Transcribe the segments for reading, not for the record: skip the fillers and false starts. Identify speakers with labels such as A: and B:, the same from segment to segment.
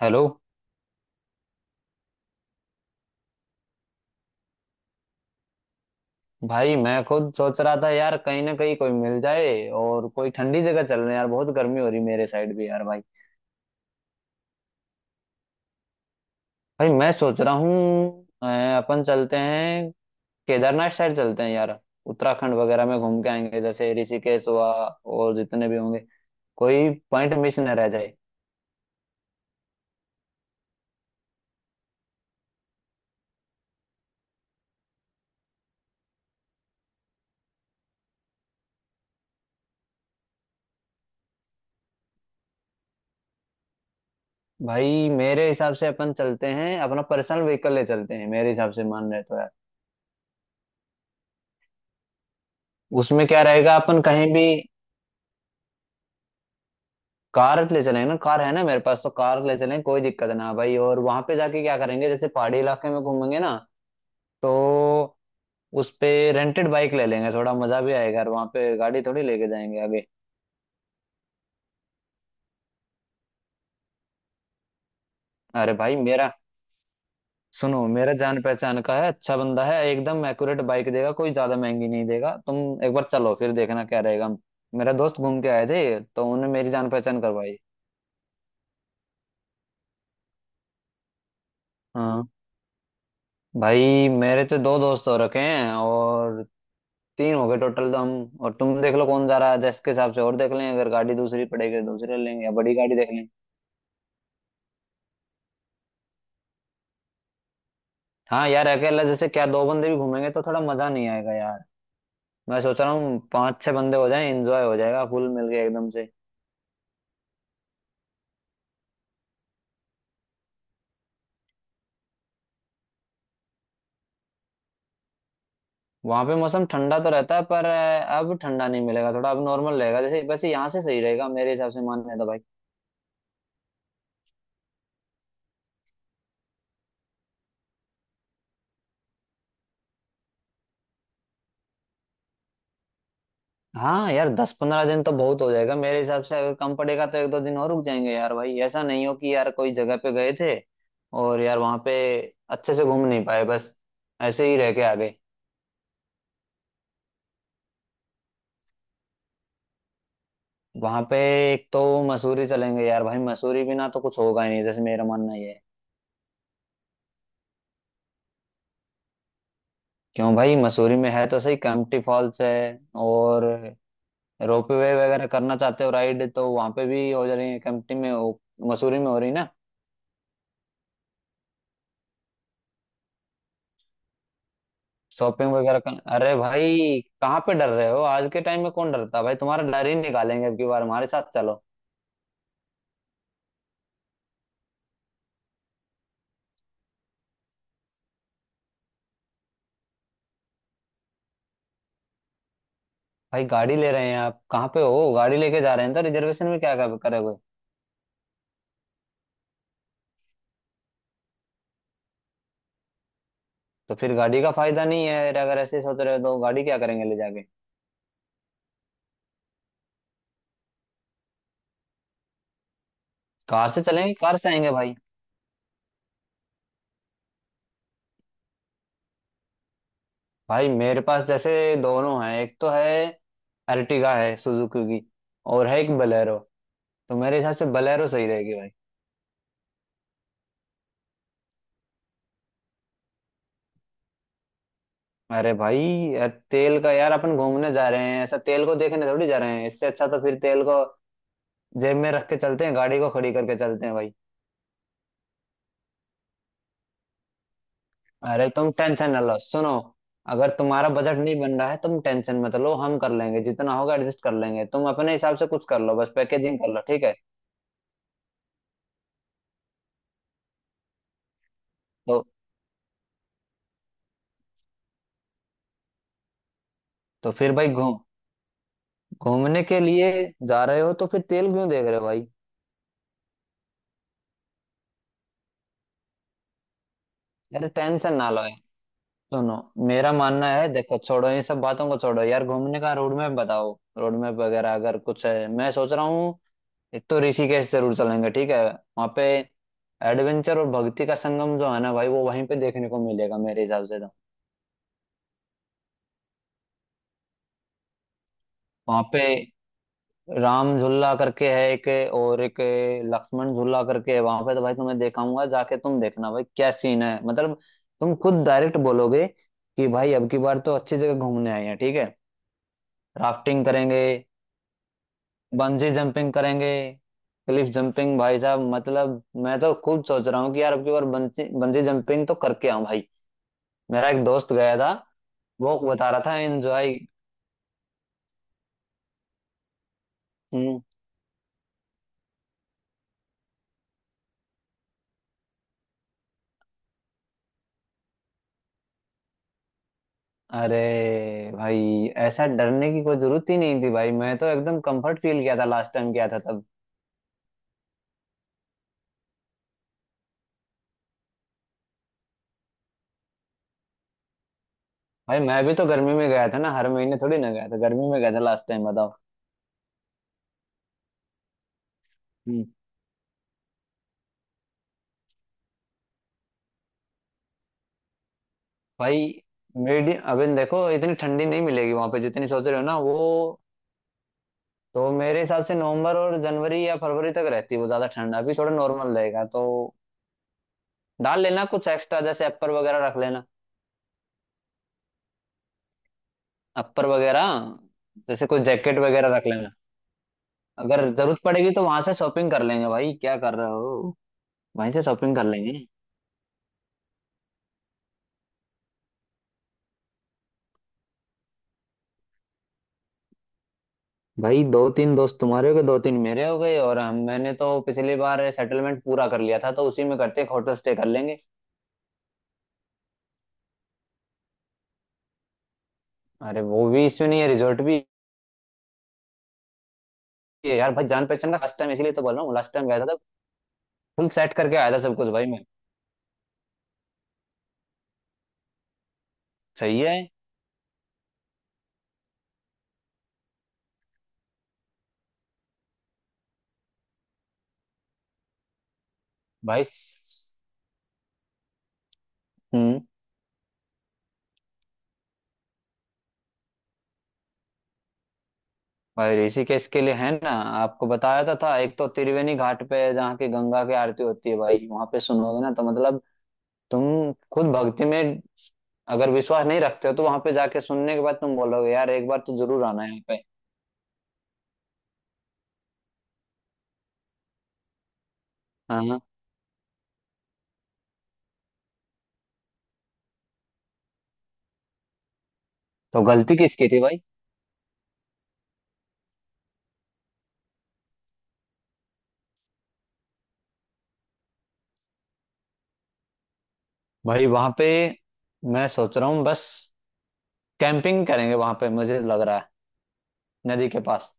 A: Hello. भाई मैं खुद सोच रहा था यार, कहीं ना कहीं कोई मिल जाए और कोई ठंडी जगह चल रहे हैं यार। बहुत गर्मी हो रही मेरे साइड भी यार भाई। भाई मैं सोच रहा हूँ अपन चलते हैं, केदारनाथ साइड चलते हैं यार। उत्तराखंड वगैरह में घूम के आएंगे, जैसे ऋषिकेश हुआ और जितने भी होंगे, कोई पॉइंट मिस न रह जाए। भाई मेरे हिसाब से अपन चलते हैं, अपना पर्सनल व्हीकल ले चलते हैं, मेरे हिसाब से मान रहे तो यार। उसमें क्या रहेगा, अपन कहीं भी कार ले चलेंगे ना, कार है ना मेरे पास, तो कार ले चलेंगे, कोई दिक्कत ना भाई। और वहां पे जाके क्या करेंगे, जैसे पहाड़ी इलाके में घूमेंगे ना, तो उस पे रेंटेड बाइक ले लेंगे, थोड़ा मजा भी आएगा, और वहां पे गाड़ी थोड़ी लेके जाएंगे आगे। अरे भाई मेरा सुनो, मेरा जान पहचान का है, अच्छा बंदा है, एकदम एक्यूरेट बाइक देगा, कोई ज्यादा महंगी नहीं देगा तुम। एक बार चलो फिर देखना क्या रहेगा। मेरा दोस्त घूम के आए थे तो उन्होंने मेरी जान पहचान करवाई। हाँ। भाई मेरे तो दो दोस्त हो रखे हैं और तीन हो गए टोटल, तो हम और तुम देख लो कौन जा रहा है, जैसे के हिसाब से, और देख लें अगर गाड़ी दूसरी पड़ेगी तो दूसरे लेंगे, या बड़ी गाड़ी देख लें। हाँ यार, अकेला जैसे क्या दो बंदे भी घूमेंगे तो थोड़ा मजा नहीं आएगा यार। मैं सोच रहा हूँ पांच छह बंदे हो जाएं, एंजॉय हो जाएगा फुल मिल के एकदम से। वहां पे मौसम ठंडा तो रहता है पर अब ठंडा नहीं मिलेगा, थोड़ा अब नॉर्मल रहेगा, जैसे वैसे यहाँ से सही रहेगा मेरे हिसाब से मानने तो भाई। हाँ यार, 10-15 दिन तो बहुत हो जाएगा मेरे हिसाब से, अगर कम पड़ेगा तो 1-2 दिन और रुक जाएंगे यार भाई। ऐसा नहीं हो कि यार कोई जगह पे गए थे और यार वहां पे अच्छे से घूम नहीं पाए, बस ऐसे ही रह के आ गए। वहां पे एक तो मसूरी चलेंगे यार भाई, मसूरी बिना तो कुछ होगा ही नहीं, जैसे मेरा मानना ये है। क्यों भाई, मसूरी में है तो सही, कैंपटी फॉल्स है, और रोपवे वगैरह करना चाहते हो राइड तो वहां पे भी हो जा रही है, कैंपटी में मसूरी में हो रही ना। शॉपिंग वगैरह कर, अरे भाई कहाँ पे डर रहे हो, आज के टाइम में कौन डरता है भाई, तुम्हारा डर ही निकालेंगे अब की बार हमारे साथ चलो। भाई गाड़ी ले रहे हैं आप, कहाँ पे हो, गाड़ी लेके जा रहे हैं तो रिजर्वेशन में क्या करोगे। तो फिर गाड़ी का फायदा नहीं है, अगर ऐसे सोच रहे हो तो गाड़ी क्या करेंगे ले जाके। कार से चलेंगे, कार से आएंगे भाई। भाई मेरे पास जैसे दोनों हैं, एक तो है अर्टिगा है सुजुकी की, और है एक बलेरो, तो मेरे हिसाब से बलेरो सही रहेगी भाई। अरे भाई, यार तेल का, यार अपन घूमने जा रहे हैं, ऐसा तेल को देखने थोड़ी जा रहे हैं, इससे अच्छा तो फिर तेल को जेब में रख के चलते हैं, गाड़ी को खड़ी करके चलते हैं भाई। अरे तुम टेंशन ना लो, सुनो, अगर तुम्हारा बजट नहीं बन रहा है तुम टेंशन मत लो, हम कर लेंगे, जितना होगा एडजस्ट कर लेंगे, तुम अपने हिसाब से कुछ कर लो, बस पैकेजिंग कर लो ठीक है। तो तो फिर भाई घूमने के लिए जा रहे हो तो फिर तेल क्यों देख रहे हो भाई। अरे टेंशन ना लो, सुनो, मेरा मानना है, देखो छोड़ो ये सब बातों को, छोड़ो यार, घूमने का रोड मैप बताओ। रोड मैप वगैरह अगर कुछ है, मैं सोच रहा हूँ एक तो ऋषिकेश जरूर चलेंगे, ठीक है। वहाँ पे एडवेंचर और भक्ति का संगम जो है ना भाई, वो वहीं पे देखने को मिलेगा मेरे हिसाब से तो। वहाँ पे राम झूला करके है एक, और एक लक्ष्मण झूला करके है वहाँ पे, तो भाई तुम्हें दिखाऊंगा जाके, तुम देखना भाई क्या सीन है मतलब। तुम खुद डायरेक्ट बोलोगे कि भाई अब की बार तो अच्छी जगह घूमने आए हैं ठीक है। राफ्टिंग करेंगे, बंजी जंपिंग करेंगे, क्लिफ जंपिंग, भाई साहब मतलब मैं तो खुद सोच रहा हूँ कि यार अब की बार बंजी बंजी जंपिंग तो करके आऊं भाई। मेरा एक दोस्त गया था, वो बता रहा था एंजॉय। अरे भाई ऐसा डरने की कोई जरूरत ही नहीं थी भाई, मैं तो एकदम कंफर्ट फील किया था लास्ट टाइम गया था तब। भाई मैं भी तो गर्मी में गया था ना, हर महीने थोड़ी ना गया था, गर्मी में गया था लास्ट टाइम बताओ। हम्म। भाई मीडियम, अभी देखो इतनी ठंडी नहीं मिलेगी वहां पे जितनी सोच रहे हो ना, वो तो मेरे हिसाब से नवंबर और जनवरी या फरवरी तक रहती है वो ज्यादा ठंड, अभी थोड़ा नॉर्मल रहेगा, तो डाल लेना कुछ एक्स्ट्रा, जैसे अपर वगैरह रख लेना। अपर वगैरह, जैसे कोई जैकेट वगैरह रख लेना, अगर जरूरत पड़ेगी तो वहां से शॉपिंग कर लेंगे भाई क्या कर रहे हो। वहीं से शॉपिंग कर लेंगे। भाई दो तीन दोस्त तुम्हारे हो गए, दो तीन मेरे हो गए, और हम, मैंने तो पिछली बार सेटलमेंट पूरा कर लिया था, तो उसी में करते हैं, होटल स्टे कर लेंगे। अरे वो भी इश्यू नहीं है, रिजॉर्ट भी है यार भाई, जान पहचान का, लास्ट टाइम इसीलिए तो बोल रहा हूँ, लास्ट टाइम गया था, फुल सेट करके आया था सब कुछ भाई मैं। सही है भाई। हम्म। भाई ऋषिकेश के लिए है ना, आपको बताया तो था, एक तो त्रिवेणी घाट पे है जहाँ की गंगा की आरती होती है भाई, वहां पे सुनोगे ना तो मतलब तुम खुद भक्ति में अगर विश्वास नहीं रखते हो, तो वहां पे जाके सुनने के बाद तुम बोलोगे यार एक बार तो जरूर आना है यहाँ पे। हाँ, हाँ। तो गलती किसकी थी भाई। भाई वहां पे मैं सोच रहा हूँ बस कैंपिंग करेंगे वहां पे, मुझे लग रहा है नदी के पास।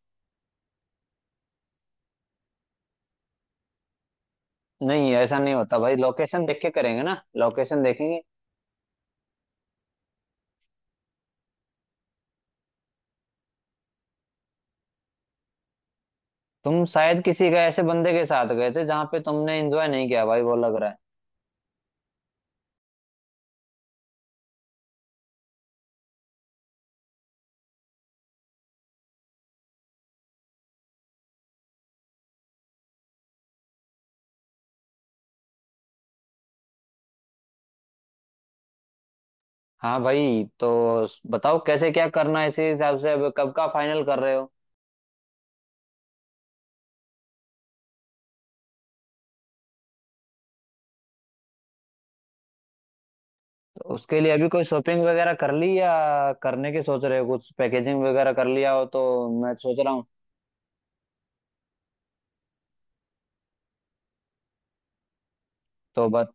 A: नहीं ऐसा नहीं होता भाई, लोकेशन देख के करेंगे ना, लोकेशन देखेंगे। तुम शायद किसी का, ऐसे बंदे के साथ गए थे जहां पे तुमने एंजॉय नहीं किया भाई, वो लग रहा है। हाँ भाई, तो बताओ कैसे क्या करना है इसी हिसाब से, अब कब का फाइनल कर रहे हो। तो उसके लिए अभी कोई शॉपिंग वगैरह कर ली, या करने की सोच रहे हो, कुछ पैकेजिंग वगैरह कर लिया हो तो। मैं सोच रहा हूँ। तो बत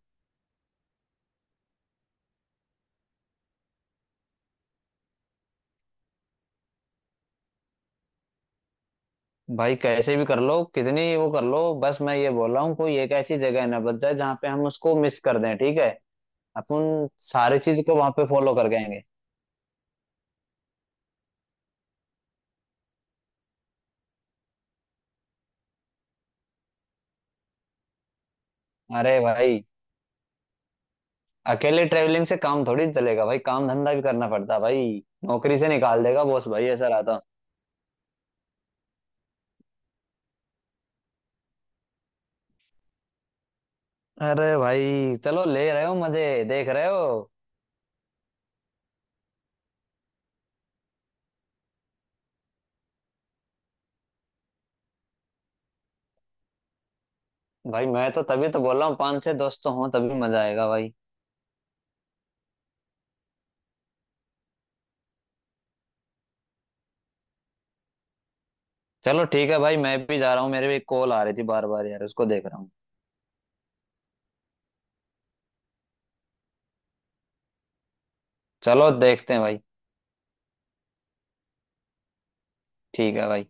A: भाई कैसे भी कर लो, कितनी वो कर लो, बस मैं ये बोल रहा हूँ कोई एक ऐसी जगह ना बच जाए जहाँ पे हम उसको मिस कर दें, ठीक है। अपन सारी चीज को वहां पे फॉलो कर गएंगे। अरे भाई अकेले ट्रेवलिंग से काम थोड़ी चलेगा भाई, काम धंधा भी करना पड़ता है भाई, नौकरी से निकाल देगा बॉस भाई, ऐसा रहता। अरे भाई चलो ले रहे हो मजे, देख रहे हो। भाई मैं तो तभी तो बोल रहा हूँ पांच छह दोस्त तो हों तभी मजा आएगा भाई। चलो ठीक है भाई, मैं भी जा रहा हूँ, मेरे भी एक कॉल आ रही थी बार बार यार, उसको देख रहा हूँ। चलो देखते हैं भाई। ठीक है भाई।